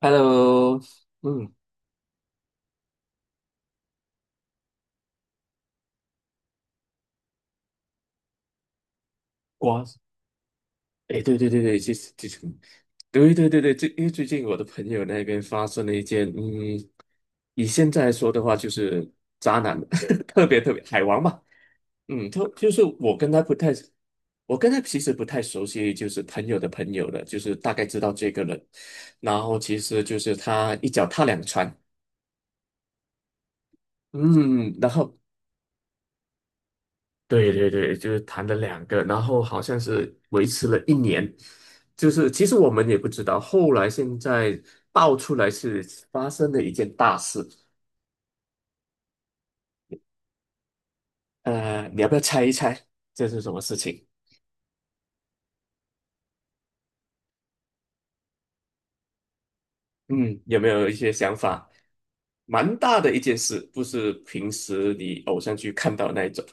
Hello，嗯，瓜，哎，对对对对，其实，对对对对，因为最近我的朋友那边发生了一件，以现在来说的话，就是渣男，特别特别海王嘛，他就是我跟他不太，我跟他其实不太熟悉，就是朋友的朋友了，就是大概知道这个人，然后其实就是他一脚踏两船，嗯，然后对对对，就是谈了两个，然后好像是维持了一年，就是其实我们也不知道，后来现在爆出来是发生了一件大事。你要不要猜一猜这是什么事情？嗯，有没有一些想法？蛮大的一件事，不是平时你偶像剧看到那一种。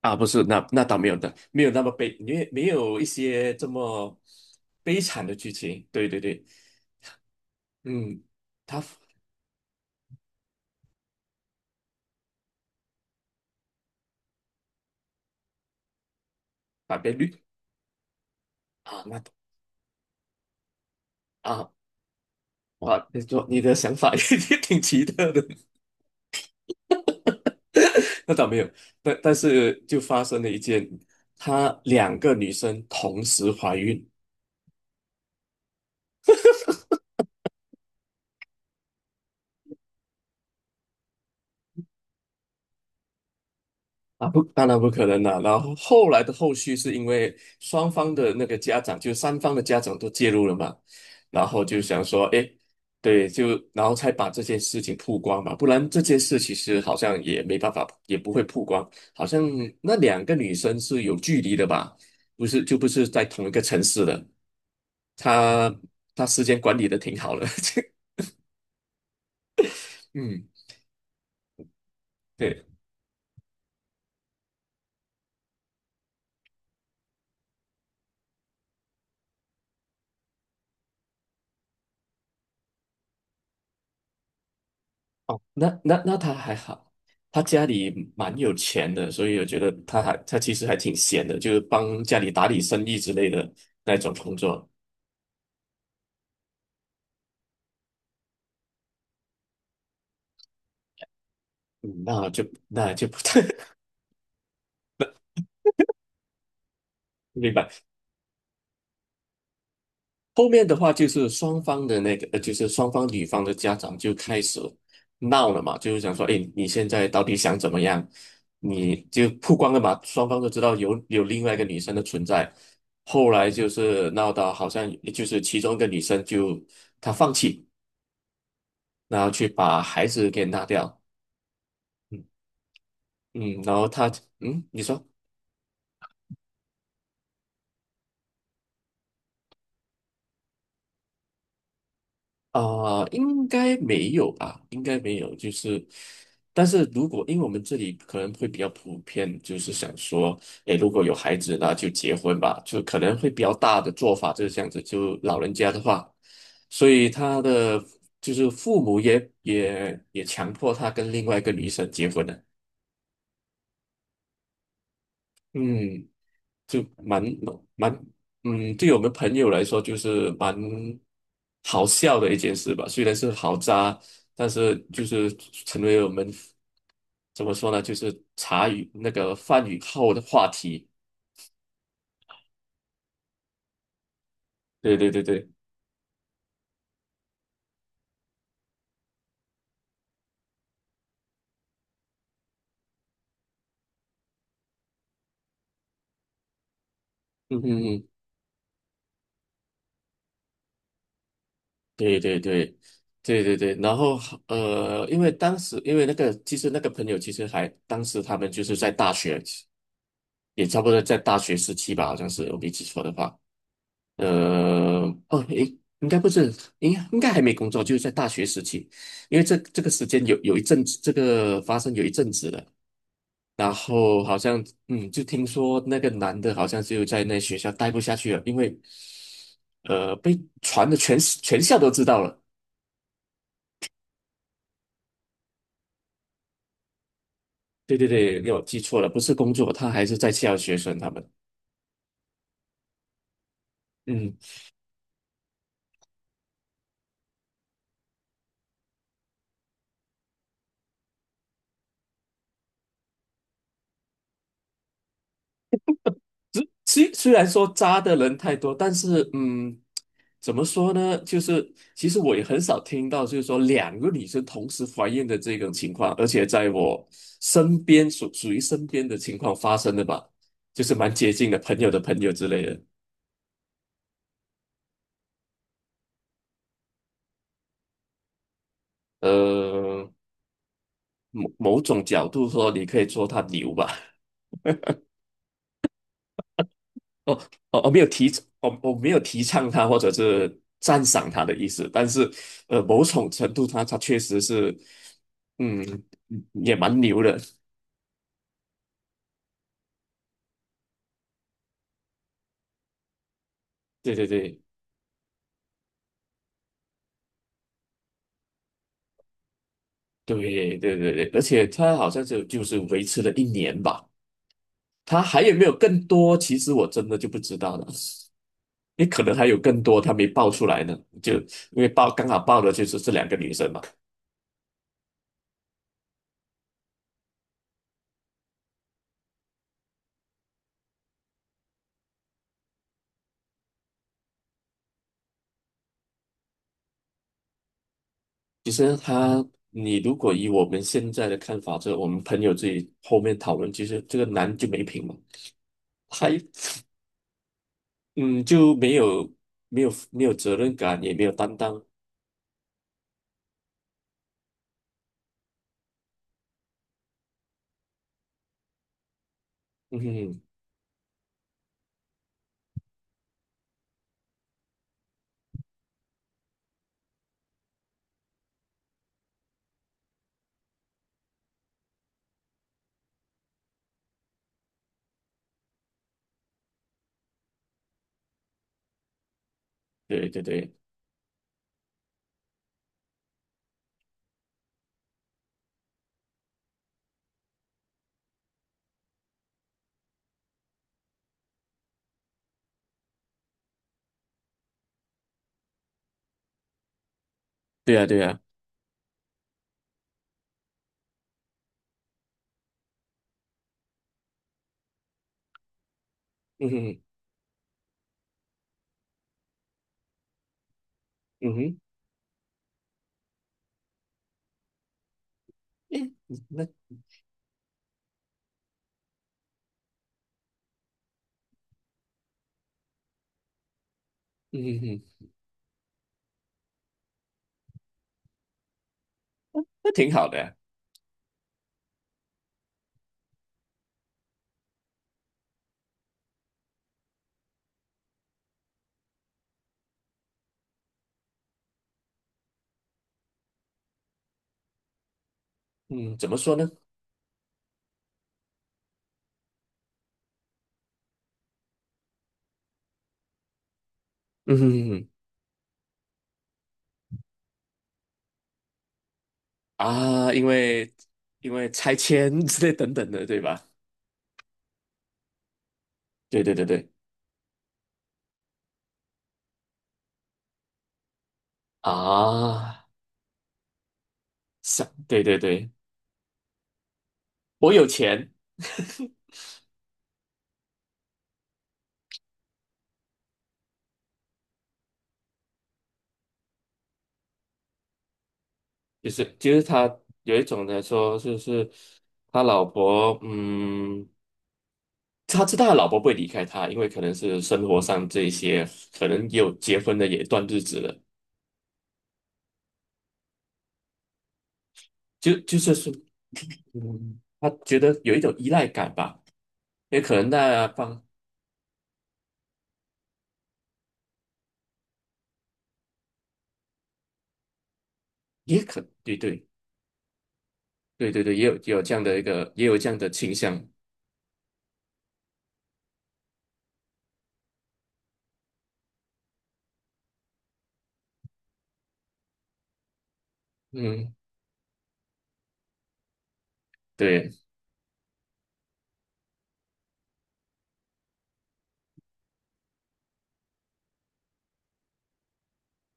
啊，不是，那倒没有的，没有那么悲，没有一些这么悲惨的剧情，对对对，嗯，他反被绿。啊，那。啊，哇，你说你的想法也 也挺奇特的，那倒没有，但是就发生了一件，她两个女生同时怀孕。啊，不，当然不可能了。然后后来的后续是因为双方的那个家长，就三方的家长都介入了嘛，然后就想说，诶，对，就然后才把这件事情曝光嘛，不然这件事其实好像也没办法，也不会曝光，好像那两个女生是有距离的吧，不是就不是在同一个城市的。他他时间管理的挺好的，嗯，对，哦，那他还好，他家里蛮有钱的，所以我觉得他其实还挺闲的，就是帮家里打理生意之类的那种工作，嗯，那就那就不 太明白。后面的话就是双方的那个，就是双方女方的家长就开始闹了嘛，就是想说，哎，你现在到底想怎么样？你就曝光了嘛，双方都知道有另外一个女生的存在。后来就是闹到好像就是其中一个女生就她放弃，然后去把孩子给拿掉，嗯嗯，然后她你说。应该没有吧？应该没有，就是，但是如果因为我们这里可能会比较普遍，就是想说，诶，如果有孩子，那就结婚吧，就可能会比较大的做法就是这样子，就老人家的话，所以他的就是父母也强迫他跟另外一个女生结婚了。嗯。就蛮对我们朋友来说就是蛮好笑的一件事吧。虽然是好渣，但是就是成为我们怎么说呢，就是茶余那个饭余后的话题。对对对对，嗯嗯嗯，对对对对对对。然后因为当时因为那个其实那个朋友其实还当时他们就是在大学，也差不多在大学时期吧，好像是我没记错的话。呃，哦，诶，应该不是，应该还没工作，就是在大学时期，因为这个时间有一阵子，这个发生有一阵子了，然后好像就听说那个男的好像就在那学校待不下去了，因为被传的全校都知道了，对对对，没有记错了，不是工作，他还是在校学生他们，嗯。虽然说渣的人太多，但是怎么说呢？就是其实我也很少听到，就是说两个女生同时怀孕的这种情况，而且在我身边属于身边的情况发生的吧，就是蛮接近的朋友的朋友之类的。呃，某种角度说，你可以说他牛吧。哦哦哦，没有提，我没有提倡他或者是赞赏他的意思，但是某种程度他确实是，嗯，也蛮牛的，对对对对对对对，而且他好像就是维持了一年吧，他还有没有更多？其实我真的就不知道了，也可能还有更多他没爆出来呢，就因为爆刚好爆的就是这两个女生嘛。其实他，你如果以我们现在的看法，这我们朋友自己后面讨论，其实这个男就没品嘛，还嗯就没有没有没有责任感，也没有担当。嗯哼，对对对，对啊对啊，嗯哼嗯哼，诶，那嗯哼，那挺好的呀嗯，怎么说呢？嗯哼啊，因为拆迁之类等等的，对吧？对对对对啊，想对对对，我有钱。就是他有一种来说，就是他老婆，他知道他老婆不会离开他，因为可能是生活上这一些，可能也有结婚的也一段日子了，就就是说，他觉得有一种依赖感吧，也可能那方对对对对对，也有也有这样的一个也有这样的倾向，嗯，对，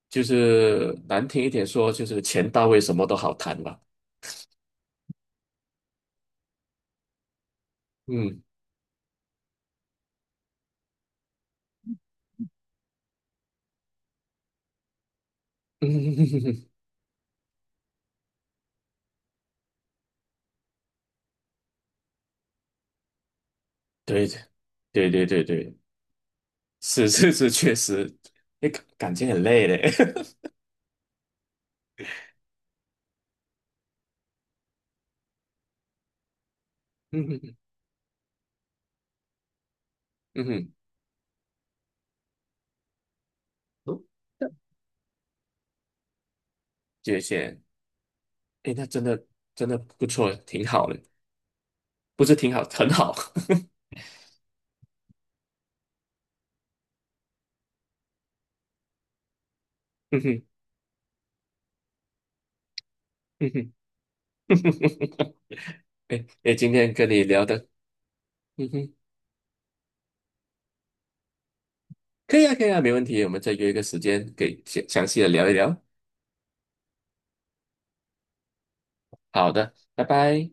就是难听一点说，就是钱到位什么都好谈吧，嗯嗯，对对对对对。是是是，确实，哎，感情很累嘞。嗯哼，嗯哼，哦谢谢。哎，那真的真的不错，挺好的，不是挺好，很好。嗯哼，嗯哼，哎哎，今天跟你聊的，嗯哼，可以啊，可以啊，没问题。我们再约一个时间，给详细的聊一聊。好的，拜拜。